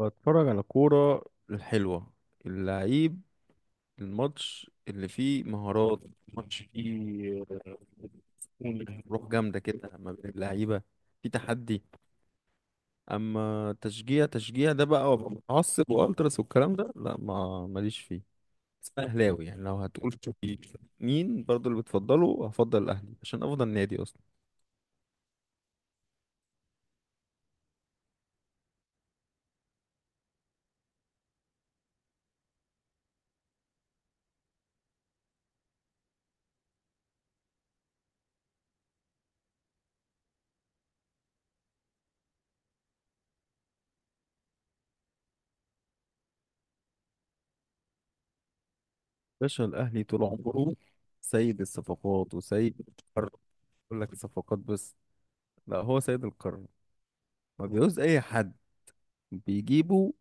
بتفرج على كورة الحلوة، اللعيب، الماتش اللي فيه مهارات، ماتش فيه روح جامدة كده ما بين اللعيبة، في تحدي. أما تشجيع تشجيع ده بقى وأبقى متعصب وألتراس والكلام ده، لا ما ماليش فيه. بس أنا أهلاوي، يعني لو هتقول في مين برضو اللي بتفضله، هفضل الأهلي عشان أفضل نادي أصلا. باشا الأهلي طول عمره سيد الصفقات وسيد القرار. يقول لك الصفقات بس؟ لا، هو سيد القرار. ما بيعوز اي حد بيجيبه،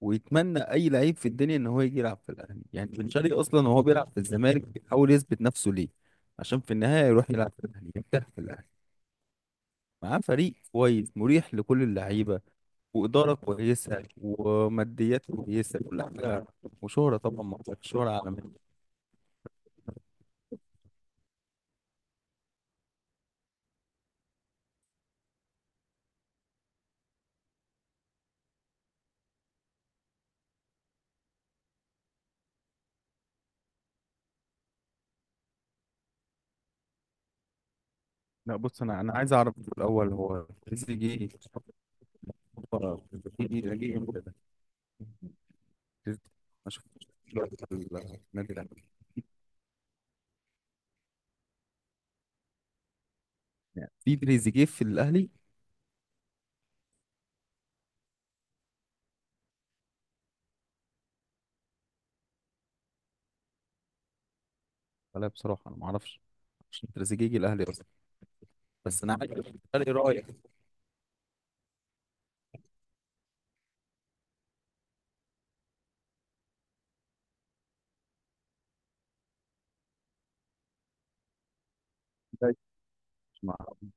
ويتمنى اي لعيب في الدنيا ان هو يجي يلعب في الاهلي. يعني بن شرقي اصلا وهو بيلعب في الزمالك بيحاول يثبت نفسه ليه؟ عشان في النهايه يروح يلعب في الاهلي، يرتاح في الاهلي، معاه فريق كويس مريح لكل اللعيبه، واداره كويسه وماديات كويسه كل حاجه، وشهره طبعا ما قلتلكش، شهره عالميه. لا بص، انا عايز اعرف في الاول هو تريزيجيه جه جه امتى ده؟ تريزيجيه ما شفتش دلوقتي في النادي الاهلي. يعني في تريزيجيه في الاهلي؟ لا بصراحة أنا ما أعرفش عشان تريزيجيه الأهلي أصلا. بس أنا عارف فرق رأي. معلش، مع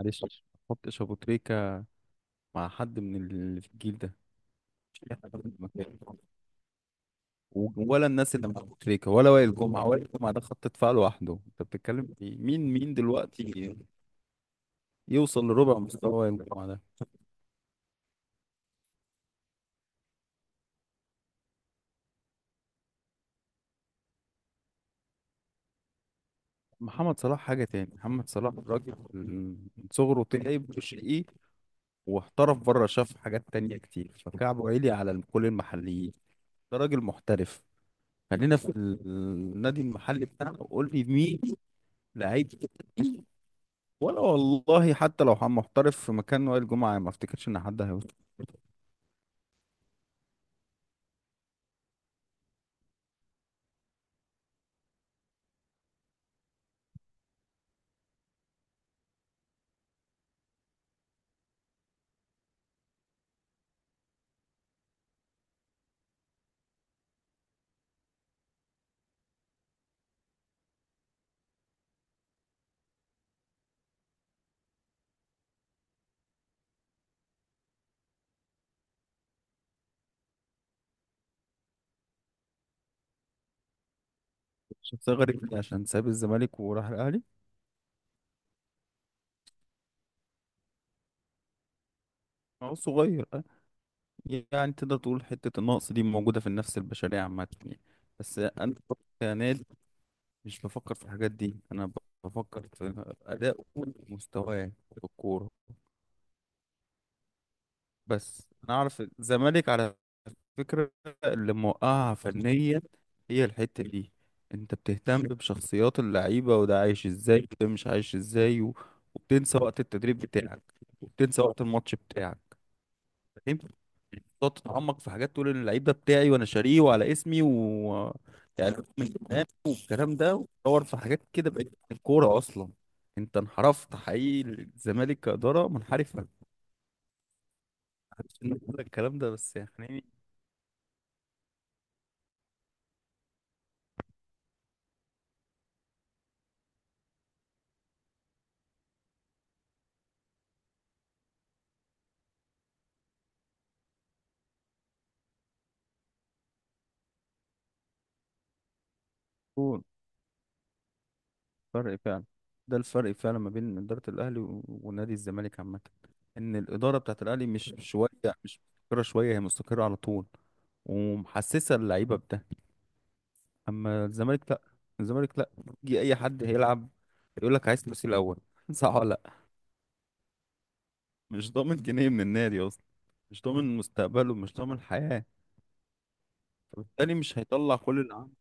معلش ما أحطش أبو تريكة مع حد من اللي في الجيل ده، مش أي حد من المكان. ولا الناس اللي مع أبو تريكة، ولا وائل جمعة. وائل جمعة ده خط دفاع لوحده، أنت بتتكلم في مين دلوقتي يوصل لربع مستوى وائل جمعة ده؟ محمد صلاح حاجة تاني، محمد صلاح راجل من صغره تعب وشقي، واحترف بره، شاف حاجات تانية كتير، فكعبه عالي على كل المحليين. ده راجل محترف. خلينا في النادي المحلي بتاعنا وقول لي مين لعيب، ولا والله حتى لو محترف في مكان وائل جمعة، ما افتكرش ان حد هيوصل. شخصية غريبة دي عشان ساب الزمالك وراح الاهلي. هو صغير أه. يعني تقدر تقول حتة النقص دي موجودة في النفس البشرية عامة يعني. بس انا كنادي مش بفكر في الحاجات دي، انا بفكر في اداء ومستواه في الكورة. بس انا اعرف الزمالك على فكرة اللي موقعها فنيا هي الحتة دي. انت بتهتم بشخصيات اللعيبة، وده عايش ازاي وده مش عايش ازاي، و... وبتنسى وقت التدريب بتاعك، وبتنسى وقت الماتش بتاعك. انت بتقعد تتعمق في حاجات، تقول ان اللعيب ده بتاعي وانا شاريه وعلى اسمي، و يعني من زمان والكلام ده، وتدور في حاجات كده. بقت الكورة اصلا انت انحرفت حقيقي، الزمالك كإدارة منحرفة. معرفش إن أنا أقول الكلام ده بس يعني فرق فعلا. ده الفرق فعلا ما بين إدارة الأهلي و- ونادي الزمالك عامة، إن الإدارة بتاعت الأهلي مش شوية، مش مستقرة شوية، هي مستقرة على طول، ومحسسة اللعيبة بده. أما الزمالك لأ، الزمالك لأ. يجي أي حد هيلعب يقول لك عايز فلوسي الأول صح ولا لأ؟ مش ضامن جنيه من النادي أصلا، مش ضامن مستقبله، مش ضامن حياة، فبالتالي مش هيطلع كل اللي عنده.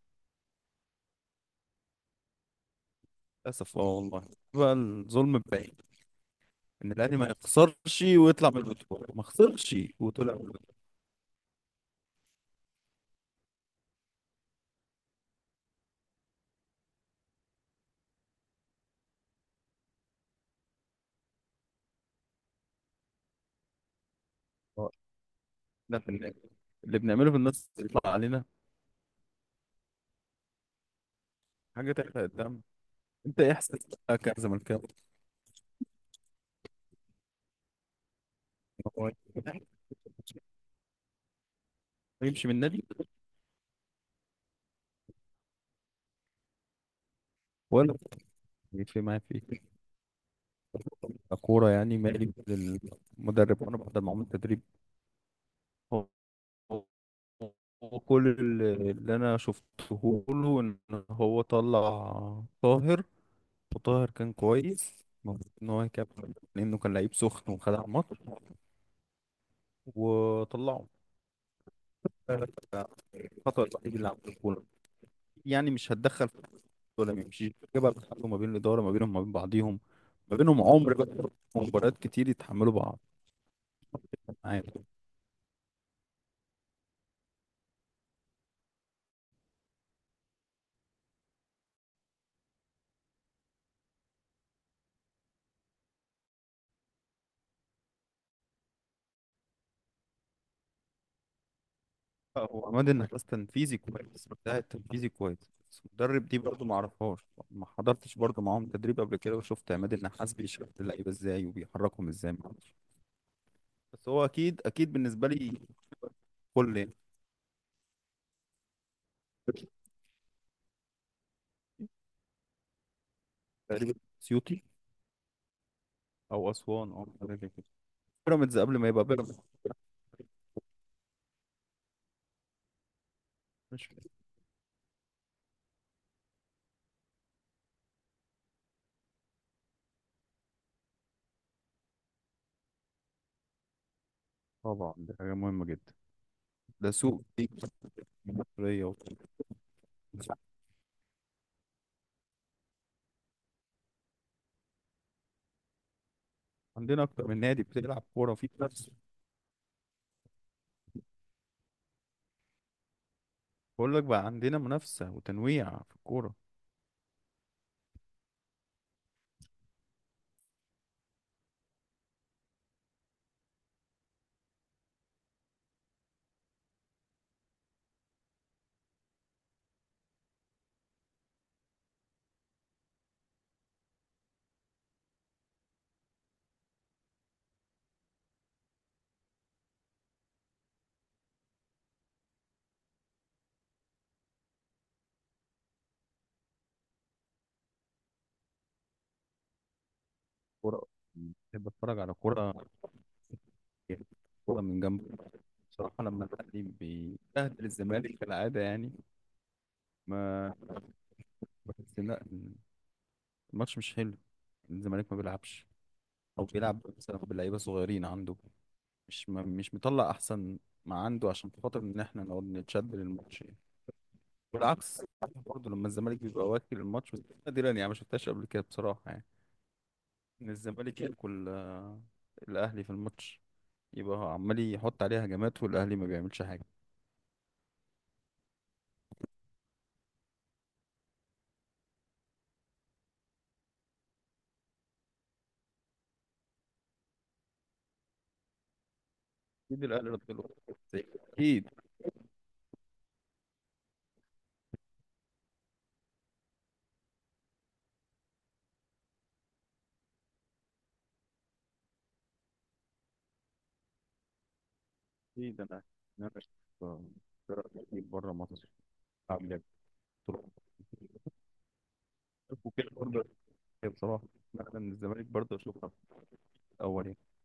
للأسف اه والله، بقى الظلم الباقي إن الأهلي ما يخسرش ويطلع من البطولة، ما خسرش وطلع من البطولة. لا، اللي بنعمله في النص يطلع علينا حاجة تحرق الدم. انت ايه احساسك بقى كزملكاوي إن هو يمشي من النادي؟ ولا في ما في كورة يعني؟ مالي للمدرب، وانا بحضر معاهم التدريب. هو هو كل اللي انا شفته له ان هو طلع طاهر، وطاهر كان كويس. المفروض ان هو يكمل، لانه كان لعيب سخن وخدع الماتش وطلعه. الخطأ الوحيد اللي عمله الكورة، يعني مش هتدخل ولا ما يمشيش كده بقى، بيتحاربوا ما بين الاداره، ما بينهم، ما بين بعضيهم، ما بينهم عمر بقى ومباريات كتير يتحملوا بعض. معاك. هو عماد النحاس تنفيذي كويس، ده تنفيذي كويس، بس مدرب دي برضه ما اعرفهاش. ما حضرتش برضه معاهم تدريب قبل كده وشفت عماد النحاس بيشرح اللعيبه ازاي وبيحركهم ازاي، ما أعرفش. بس هو اكيد اكيد بالنسبه لي كل يعني. تقريبا اسيوطي او اسوان او حاجه زي كده، بيراميدز قبل ما يبقى بيراميدز. مش فاهم. طبعا دي حاجه مهمه جدا، ده سوق دي مصريه. عندنا اكتر من نادي بتلعب كوره في منافسه. بقول لك بقى عندنا منافسه وتنويع في الكوره. كوره، بحب اتفرج على كوره، كوره من جنب، بصراحه. لما الاهلي بيبهدل الزمالك كالعاده يعني، ما بحس إن لا، الماتش مش حلو، الزمالك ما بيلعبش، او بيلعب مثلا بلعيبه صغيرين عنده، مش مطلع احسن ما عنده، عشان خاطر ان احنا نقعد نتشد للماتش يعني. والعكس برضه لما الزمالك بيبقى واكل الماتش، بس نادرا، يعني ما شفتهاش قبل كده بصراحه، يعني ان الزمالك ياكل الاهلي في الماتش، يبقى هو عمال يحط عليها هجمات والاهلي ما بيعملش حاجه. اكيد الاهلي رد له، زي- اكيد. اكيد. انا بره مصر عامل ايه بصراحه؟ بصراحة. بصراحة. بصراحه انا من الزمالك برضه اشوفها الاول يعني.